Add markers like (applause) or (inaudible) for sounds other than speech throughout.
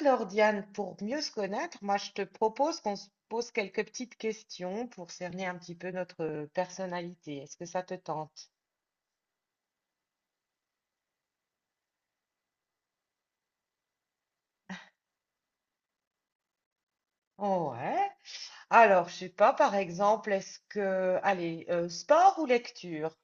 Alors Diane, pour mieux se connaître, moi je te propose qu'on se pose quelques petites questions pour cerner un petit peu notre personnalité. Est-ce que ça te tente? Ouais. Alors, je sais pas, par exemple, est-ce que... Allez, sport ou lecture?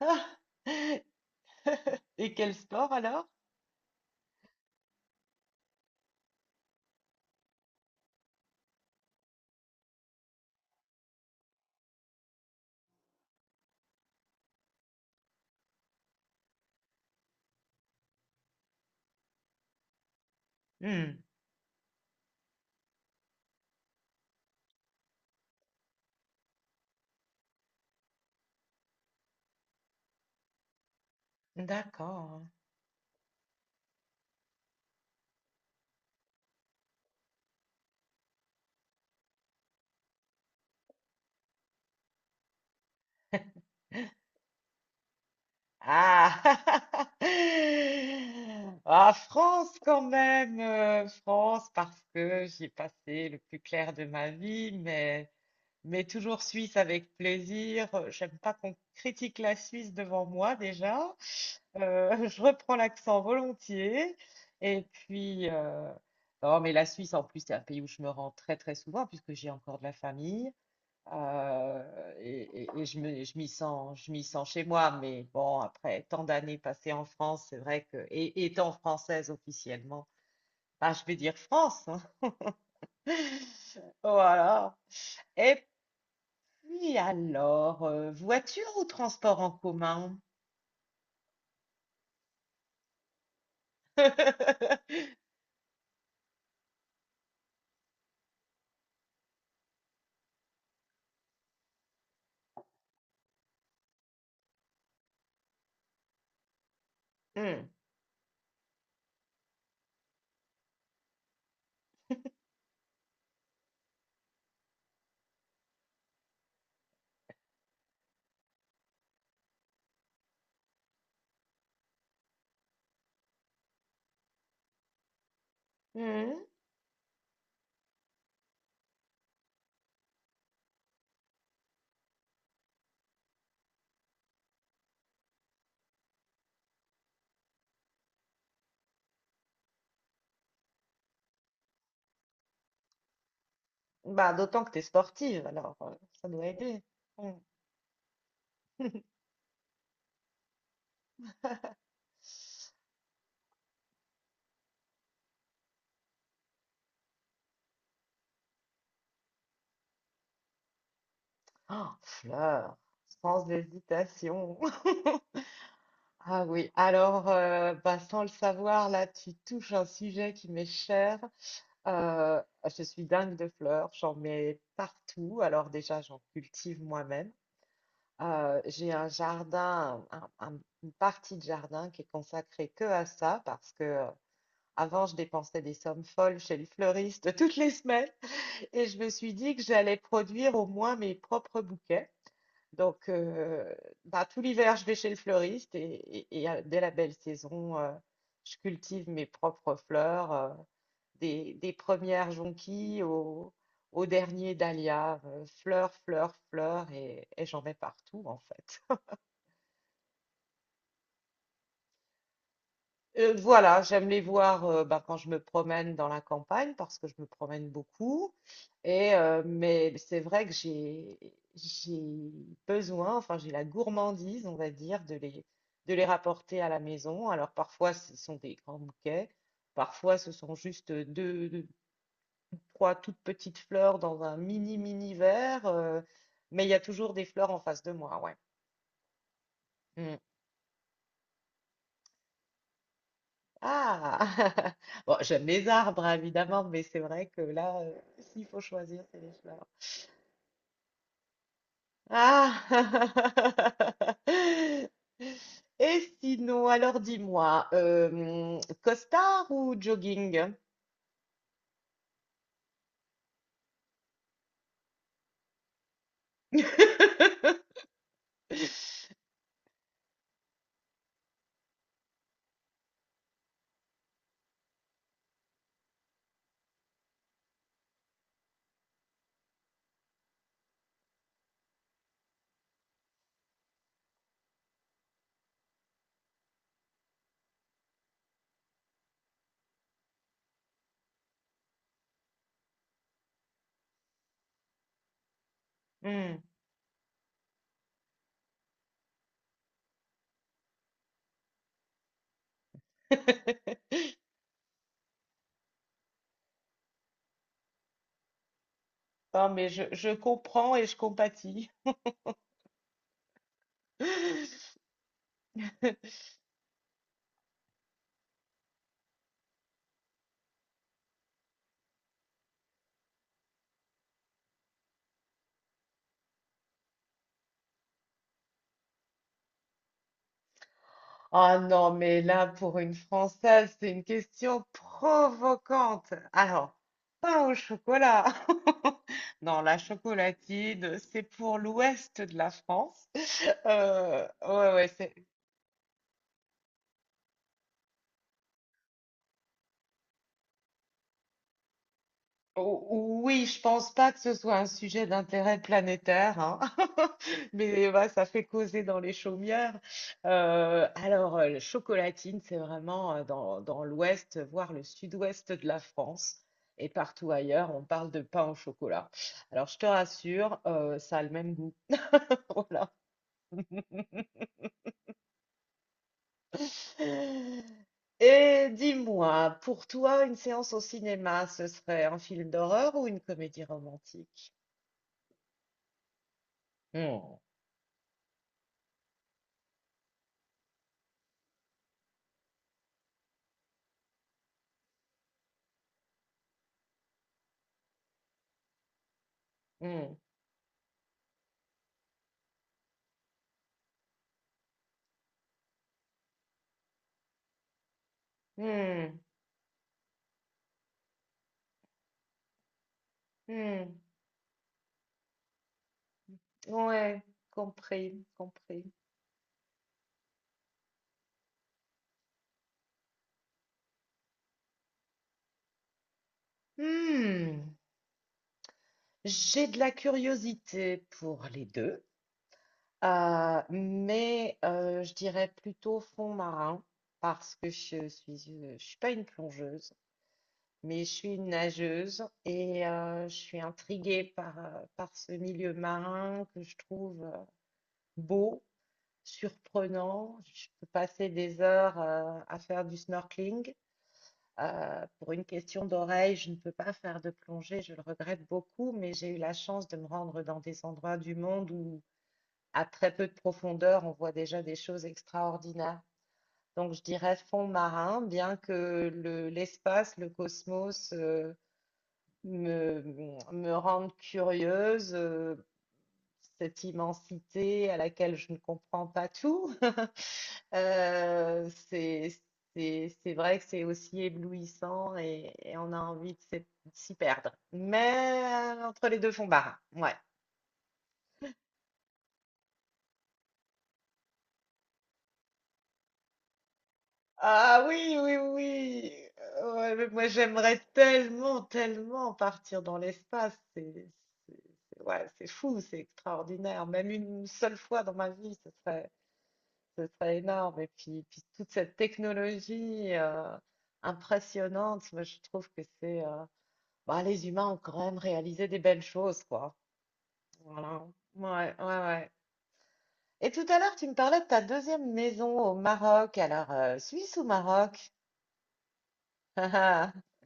(laughs) Et quel sport alors? Hmm, d'accord. Ah! (laughs) Ah, France quand même, France parce que j'y ai passé le plus clair de ma vie, mais toujours Suisse avec plaisir. J'aime pas qu'on critique la Suisse devant moi déjà. (laughs) Je reprends l'accent volontiers. Et puis, non, mais la Suisse en plus, c'est un pays où je me rends très très souvent puisque j'ai encore de la famille. Euh, je m'y sens chez moi, mais bon, après tant d'années passées en France, c'est vrai que, et étant française officiellement, bah, je vais dire France, hein. (laughs) Voilà. Et puis alors, voiture ou transport en commun? (laughs) Hmm, hmm. Bah, d'autant que t'es sportive, alors ça doit aider. Hmm. (laughs) Oh, fleur, sans hésitation. (laughs) Ah oui, alors bah, sans le savoir, là tu touches un sujet qui m'est cher. Euh, je suis dingue de fleurs, j'en mets partout. Alors déjà, j'en cultive moi-même. J'ai un jardin, une partie de jardin qui est consacrée que à ça parce que avant, je dépensais des sommes folles chez le fleuriste (laughs) toutes les semaines et je me suis dit que j'allais produire au moins mes propres bouquets. Donc, bah, tout l'hiver, je vais chez le fleuriste et dès la belle saison, je cultive mes propres fleurs, des premières jonquilles au, au dernier dahlia, fleurs, fleurs, fleurs, et j'en mets partout en fait. Voilà, j'aime les voir, bah, quand je me promène dans la campagne parce que je me promène beaucoup et mais c'est vrai que j'ai besoin, enfin j'ai la gourmandise, on va dire, de les rapporter à la maison. Alors parfois ce sont des grands bouquets, parfois ce sont juste trois toutes petites fleurs dans un mini verre, mais il y a toujours des fleurs en face de moi, ouais. Mmh. Ah! (laughs) Bon, j'aime les arbres, hein, évidemment, mais c'est vrai que là, s'il faut choisir, c'est les fleurs. Ah! (laughs) Et sinon, alors dis-moi, costard ou jogging? (laughs) Hmm. (laughs) Non, mais je comprends et je compatis. (laughs) Ah non, mais là, pour une Française, c'est une question provocante. Alors, pain au chocolat. (laughs) Non, la chocolatine, c'est pour l'ouest de la France. Euh, ouais, ouais, c'est O- Oui, je pense pas que ce soit un sujet d'intérêt planétaire, hein. (laughs) Mais bah, ça fait causer dans les chaumières. Alors, le chocolatine, c'est vraiment dans l'ouest, voire le sud-ouest de la France. Et partout ailleurs, on parle de pain au chocolat. Alors, je te rassure, ça a le même goût. (laughs) Voilà. Et dis-moi, pour toi, une séance au cinéma, ce serait un film d'horreur ou une comédie romantique? Hmm, hmm, hmm, hmm. Ouais, compris, compris. Hmm, j'ai de la curiosité pour les deux, mais je dirais plutôt fond marin parce que je suis pas une plongeuse, mais je suis une nageuse et je suis intriguée par, par ce milieu marin que je trouve beau, surprenant. Je peux passer des heures à faire du snorkeling. Pour une question d'oreille, je ne peux pas faire de plongée, je le regrette beaucoup, mais j'ai eu la chance de me rendre dans des endroits du monde où, à très peu de profondeur, on voit déjà des choses extraordinaires. Donc, je dirais fond marin, bien que l'espace, le cosmos, me, me rendent curieuse. Cette immensité à laquelle je ne comprends pas tout. (laughs) Euh, c'est, c'est vrai que c'est aussi éblouissant et on a envie de s'y perdre. Mais entre les deux fonds marins, ouais. Ah oui, oui, oui. Ouais, mais moi j'aimerais tellement, tellement partir dans l'espace. C'est- ouais, c'est fou, c'est extraordinaire. Même une seule fois dans ma vie, ce serait, ce serait énorme. Et puis, puis toute cette technologie impressionnante, moi, je trouve que c'est... bah, les humains ont quand même réalisé des belles choses, quoi. Voilà. Ouais, ouais, ouais. Et tout à l'heure, tu me parlais de ta deuxième maison au Maroc. Alors, Suisse ou Maroc? (laughs)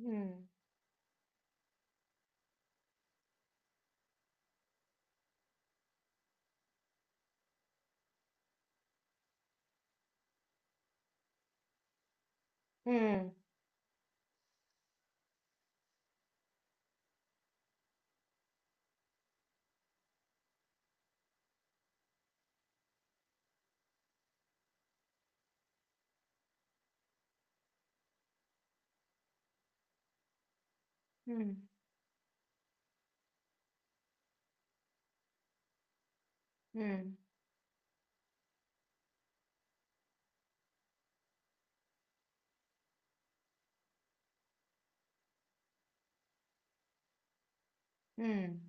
Hmm, hmm, hmm, hmm, hmm.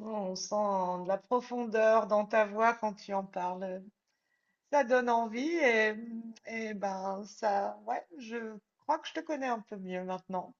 Oh, on sent de la profondeur dans ta voix quand tu en parles. Ça donne envie et ben ça, ouais, je crois que je te connais un peu mieux maintenant.